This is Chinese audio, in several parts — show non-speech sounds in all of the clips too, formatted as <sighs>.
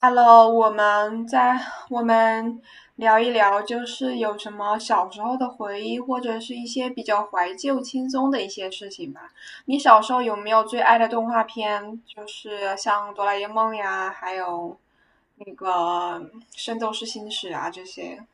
Hello，我们聊一聊，就是有什么小时候的回忆，或者是一些比较怀旧、轻松的一些事情吧。你小时候有没有最爱的动画片？就是像《哆啦 A 梦》呀，还有那个《圣斗士星矢》啊这些。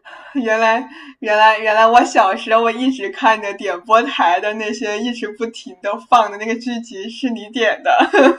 <laughs> 原来，原来，原来，我小时候我一直看着点播台的那些一直不停的放的那个剧集是你点的。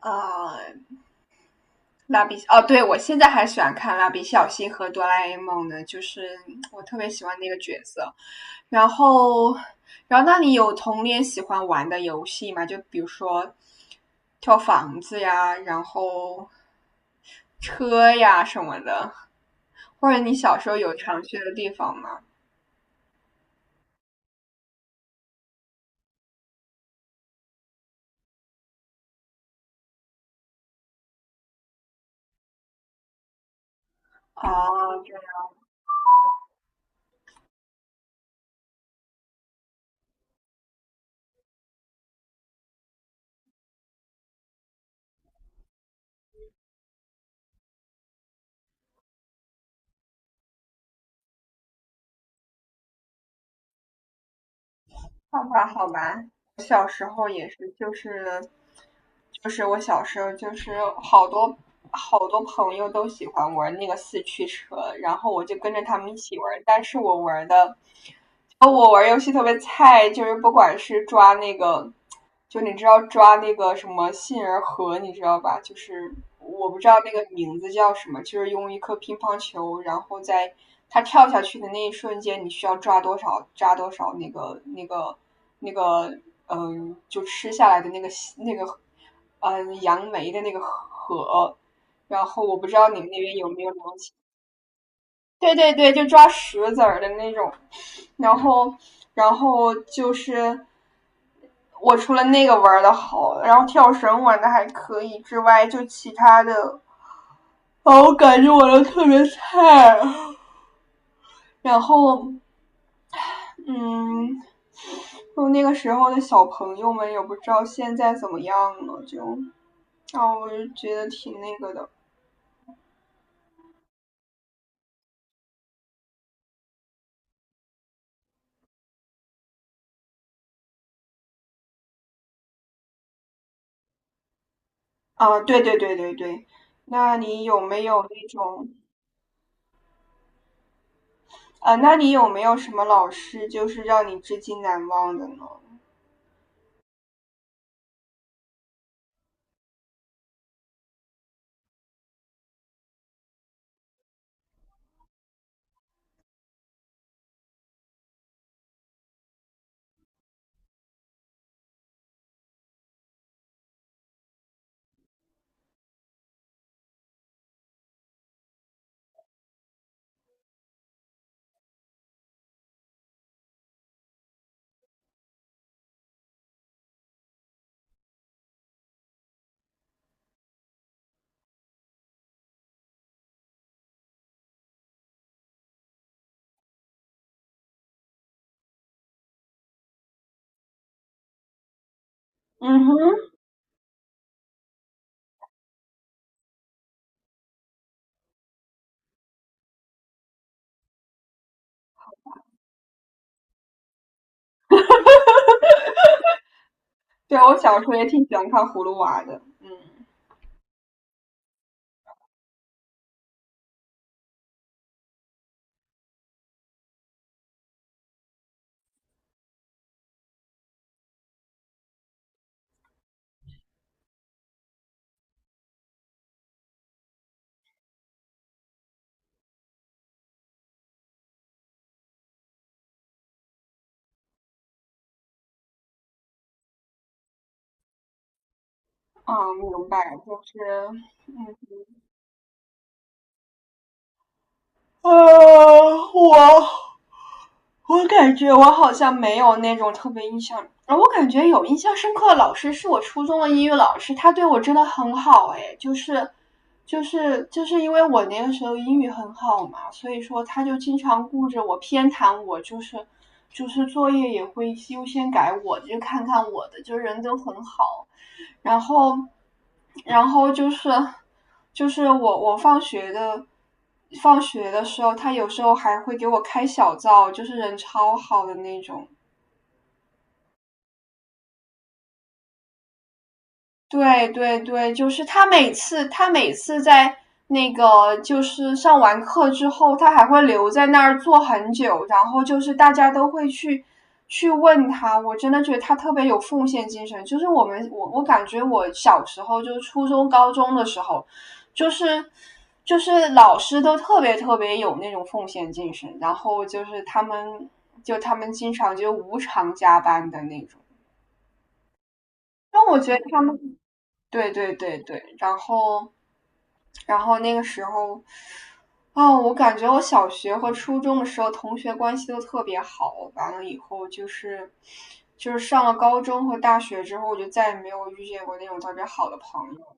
<laughs> 啊，蜡笔哦，对，我现在还喜欢看蜡笔小新和哆啦 A 梦呢，就是我特别喜欢那个角色。然后，然后，那你有童年喜欢玩的游戏吗？就比如说跳房子呀，然后车呀什么的，或者你小时候有常去的地方吗？哦，画画好玩，我小时候也是就是我小时候就是好多好多朋友都喜欢玩那个四驱车，然后我就跟着他们一起玩，但是我玩游戏特别菜，就是不管是抓那个，就你知道抓那个什么杏仁核，你知道吧？就是我不知道那个名字叫什么，就是用一颗乒乓球，然后在它跳下去的那一瞬间，你需要抓多少抓多少那个，就吃下来的那个，杨梅的那个核。然后我不知道你们那边有没有东西。对对对，就抓石子儿的那种，然后然后就是我除了那个玩的好，然后跳绳玩的还可以之外，就其他的，啊，我感觉我都特别菜。然后嗯，就那个时候的小朋友们也不知道现在怎么样了，就啊，我就觉得挺那个的。啊，对对对对对，那你有没有那种？啊，那你有没有什么老师就是让你至今难忘的呢？嗯哼，对，我小时候也挺喜欢看《葫芦娃》的。嗯，啊，明白，就是嗯啊，我感觉我好像没有那种特别印象啊，我感觉有印象深刻的老师是我初中的英语老师，他对我真的很好哎，就是，就是因为我那个时候英语很好嘛，所以说他就经常顾着我偏袒我，就是就是作业也会优先改我，就看看我的，就人都很好，然后然后就是我放学的。放学的时候，他有时候还会给我开小灶，就是人超好的那种。对对对，就是他每次在那个就是上完课之后，他还会留在那儿坐很久，然后就是大家都会去问他，我真的觉得他特别有奉献精神。就是我们我感觉我小时候就是初中高中的时候，就是就是老师都特别特别有那种奉献精神，然后就是他们经常就无偿加班的那种，让我觉得他们。对对对对，然后，那个时候，啊，我感觉我小学和初中的时候同学关系都特别好，完了以后就是，就是上了高中和大学之后，我就再也没有遇见过那种特别好的朋友。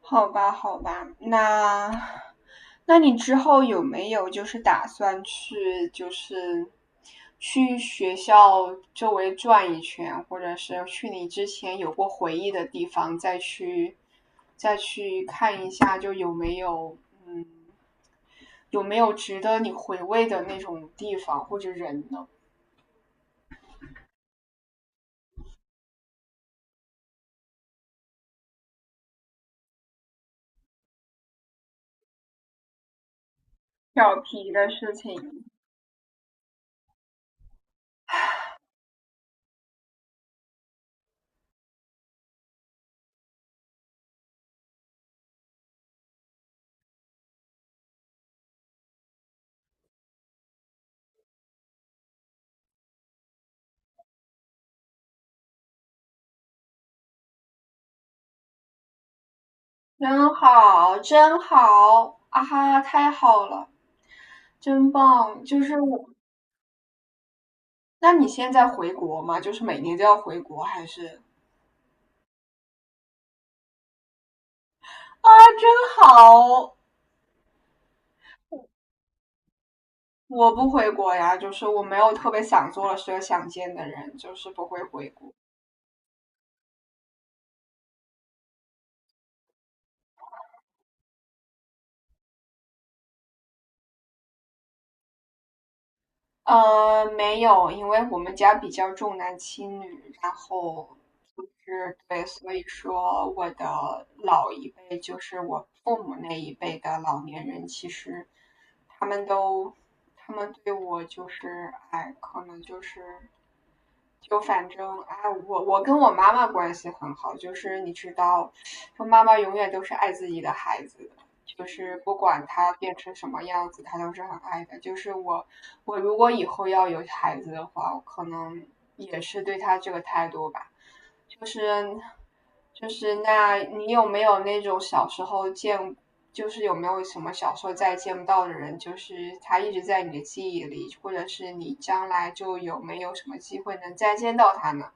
好吧，好吧，那你之后有没有就是打算去就是去学校周围转一圈，或者是去你之前有过回忆的地方再去看一下，就嗯有没有值得你回味的那种地方或者人呢？调皮的事情。真好，真好，啊哈，太好了，真棒！就是我，那你现在回国吗？就是每年都要回国，还是啊？真好，我不回国呀，就是我没有特别想做的事、想见的人，就是不会回国。没有，因为我们家比较重男轻女，然后就是对，所以说我的老一辈，就是我父母那一辈的老年人，其实他们都，他们对我就是，哎，可能就是，就反正，哎，我跟我妈妈关系很好，就是你知道，我妈妈永远都是爱自己的孩子，就是不管他变成什么样子，他都是很爱的。就是我，我如果以后要有孩子的话，我可能也是对他这个态度吧。就是，就是，那你有没有那种小时候见，就是有没有什么小时候再见不到的人，就是他一直在你的记忆里，或者是你将来就有没有什么机会能再见到他呢？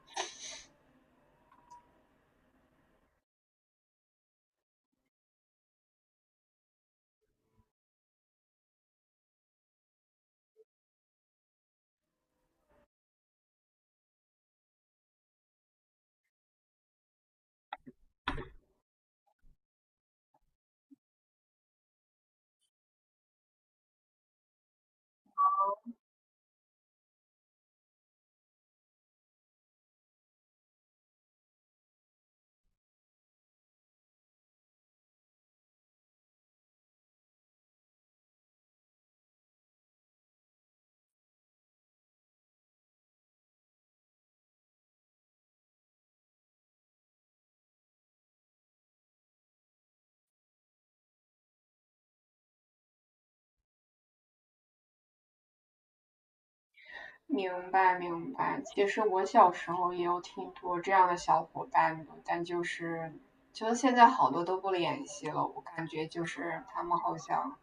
明白明白，其实我小时候也有挺多这样的小伙伴的，但就是现在好多都不联系了，我感觉就是他们好像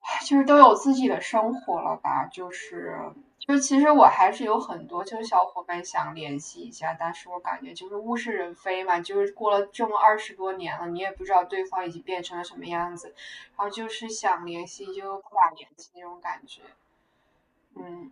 <sighs> 就是都有自己的生活了吧，就其实我还是有很多就是小伙伴想联系一下，但是我感觉就是物是人非嘛，就是过了这么20多年了，你也不知道对方已经变成了什么样子，然后就是想联系就无法联系那种感觉，嗯。